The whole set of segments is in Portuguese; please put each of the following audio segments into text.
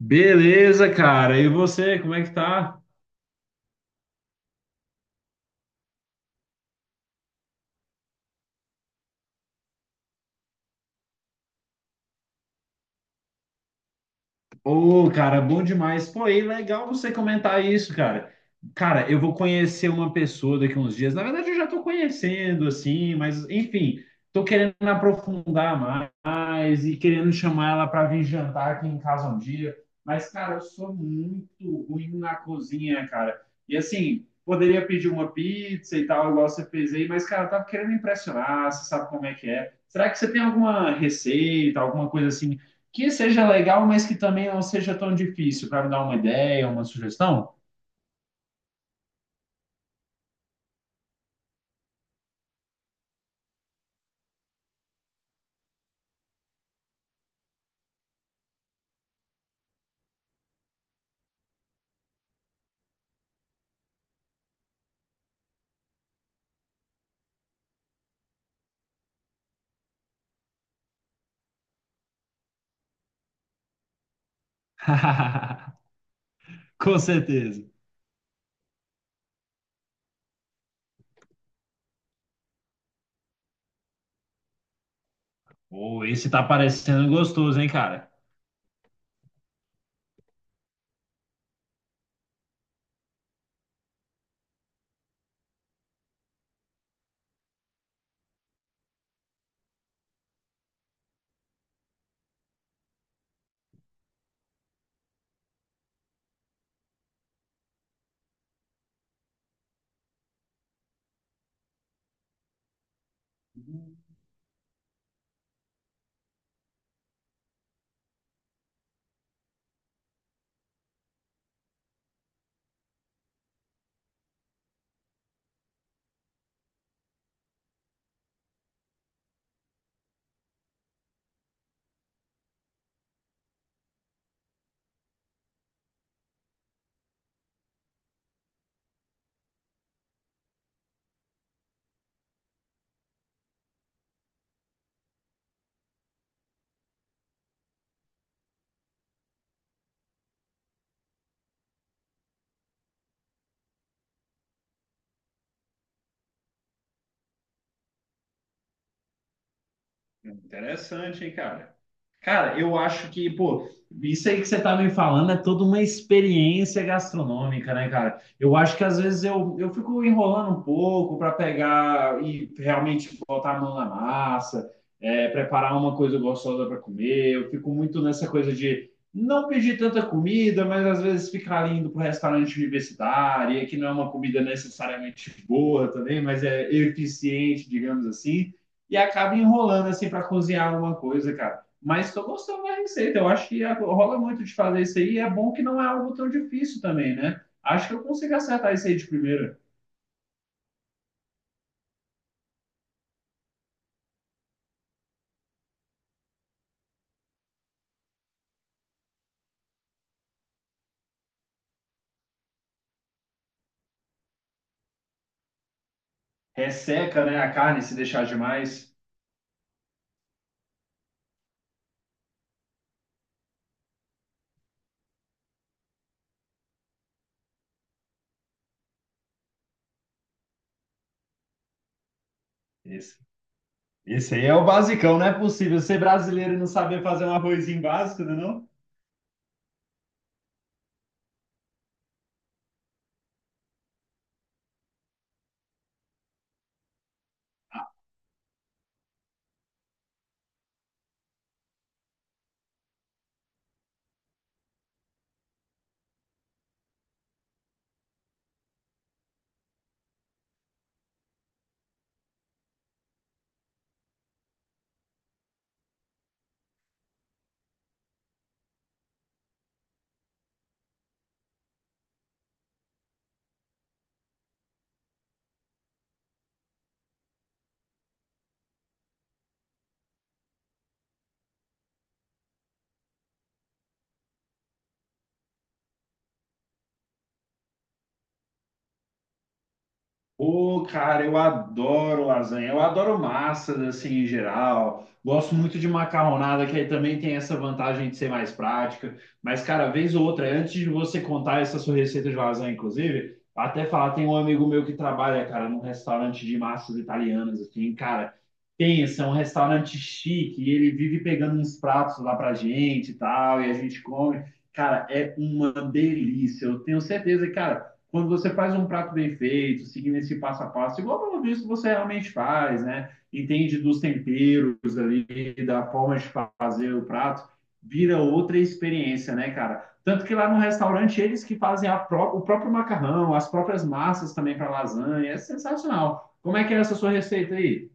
Beleza, cara. E você, como é que tá? Ô, cara, bom demais. Pô, e legal você comentar isso, cara. Cara, eu vou conhecer uma pessoa daqui a uns dias. Na verdade, eu já tô conhecendo, assim, mas enfim, tô querendo aprofundar mais e querendo chamar ela para vir jantar aqui em casa um dia. Mas, cara, eu sou muito ruim na cozinha, cara. E assim, poderia pedir uma pizza e tal, igual você fez aí, mas, cara, eu tava querendo impressionar, você sabe como é que é. Será que você tem alguma receita, alguma coisa assim? Que seja legal, mas que também não seja tão difícil, para me dar uma ideia, uma sugestão? Com certeza. Ou esse tá parecendo gostoso, hein, cara? Hum. Interessante, hein, cara? Cara, eu acho que, pô, isso aí que você tá me falando é toda uma experiência gastronômica, né, cara? Eu acho que às vezes eu fico enrolando um pouco para pegar e realmente botar a mão na massa, é, preparar uma coisa gostosa para comer. Eu fico muito nessa coisa de não pedir tanta comida, mas às vezes ficar ali indo pro restaurante universitário, e que não é uma comida necessariamente boa também, mas é eficiente, digamos assim, e acaba enrolando assim para cozinhar alguma coisa, cara. Mas estou gostando da receita. Eu acho que rola muito de fazer isso aí. E é bom que não é algo tão difícil também, né? Acho que eu consigo acertar isso aí de primeira. Resseca, né, a carne se deixar demais. Esse, esse aí é o basicão, não é possível ser brasileiro e não saber fazer um arrozinho básico, não é não? Ô, cara, eu adoro lasanha, eu adoro massas assim em geral. Gosto muito de macarronada, que aí também tem essa vantagem de ser mais prática. Mas, cara, vez ou outra, antes de você contar essa sua receita de lasanha, inclusive, até falar, tem um amigo meu que trabalha, cara, num restaurante de massas italianas, assim, cara, pensa, é um restaurante chique, e ele vive pegando uns pratos lá pra gente e tal, e a gente come. Cara, é uma delícia. Eu tenho certeza, cara, quando você faz um prato bem feito, seguindo esse passo a passo, igual pelo visto você realmente faz, né? Entende dos temperos ali, da forma de fazer o prato, vira outra experiência, né, cara? Tanto que lá no restaurante eles que fazem a pró o próprio macarrão, as próprias massas também para lasanha, é sensacional. Como é que é essa sua receita aí?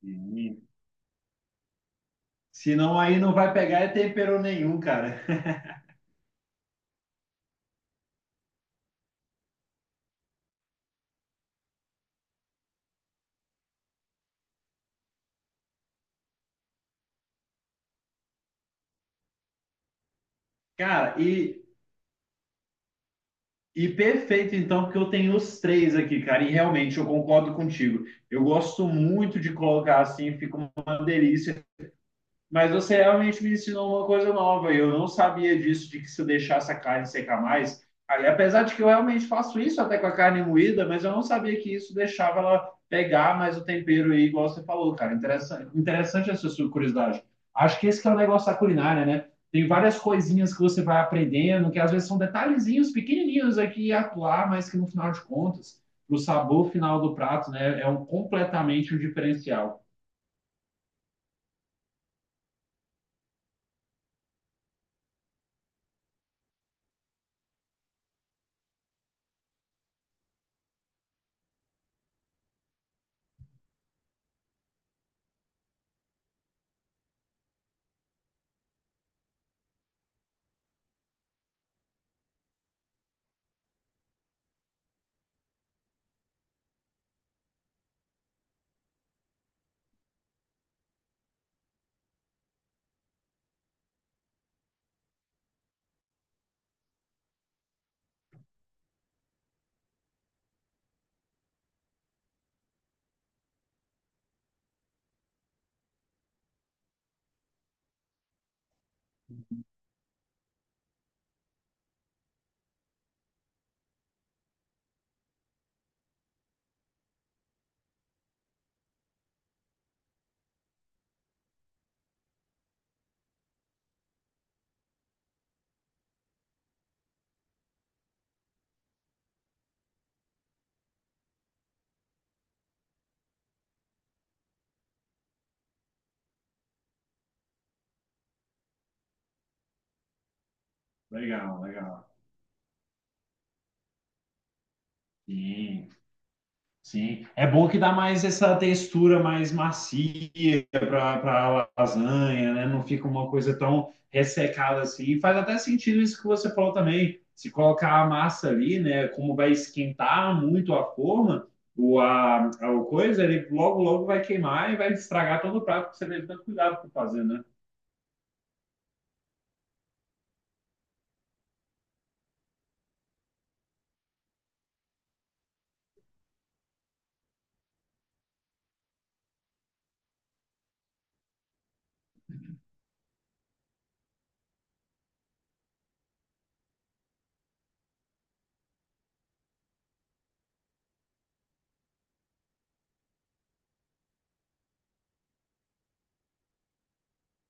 Sim. Senão aí não vai pegar é tempero nenhum, cara. Cara, e perfeito, então, porque eu tenho os três aqui, cara, e realmente eu concordo contigo. Eu gosto muito de colocar assim, fica uma delícia. Mas você realmente me ensinou uma coisa nova, eu não sabia disso, de que se eu deixasse a carne secar mais. Ali, apesar de que eu realmente faço isso até com a carne moída, mas eu não sabia que isso deixava ela pegar mais o tempero aí, igual você falou, cara. Interessante, interessante essa sua curiosidade. Acho que esse que é o negócio da culinária, né? Tem várias coisinhas que você vai aprendendo, que às vezes são detalhezinhos pequenininhos aqui e atuar, mas que no final de contas, o sabor final do prato, né, é um completamente um diferencial. Legal, legal. Sim. Sim, é bom que dá mais essa textura mais macia para a lasanha, né? Não fica uma coisa tão ressecada assim. Faz até sentido isso que você falou também. Se colocar a massa ali, né? Como vai esquentar muito a forma, o, a o coisa, ele logo, logo vai queimar e vai estragar todo o prato que você deve ter cuidado para fazer, né?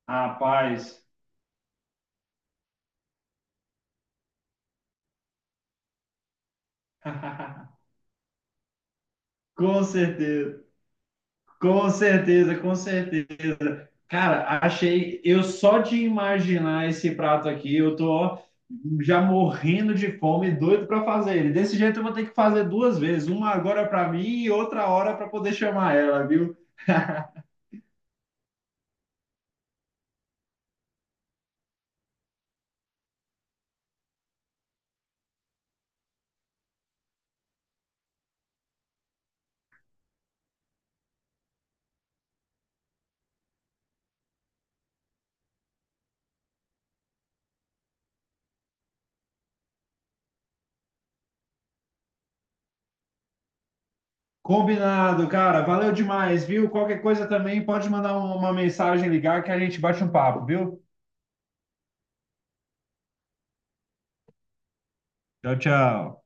Rapaz, com certeza. Com certeza, com certeza. Cara, achei. Eu só de imaginar esse prato aqui, eu tô ó, já morrendo de fome, doido para fazer ele. Desse jeito eu vou ter que fazer duas vezes, uma agora para mim e outra hora para poder chamar ela, viu? Combinado, cara. Valeu demais, viu? Qualquer coisa também pode mandar uma mensagem, ligar que a gente bate um papo, viu? Tchau, tchau.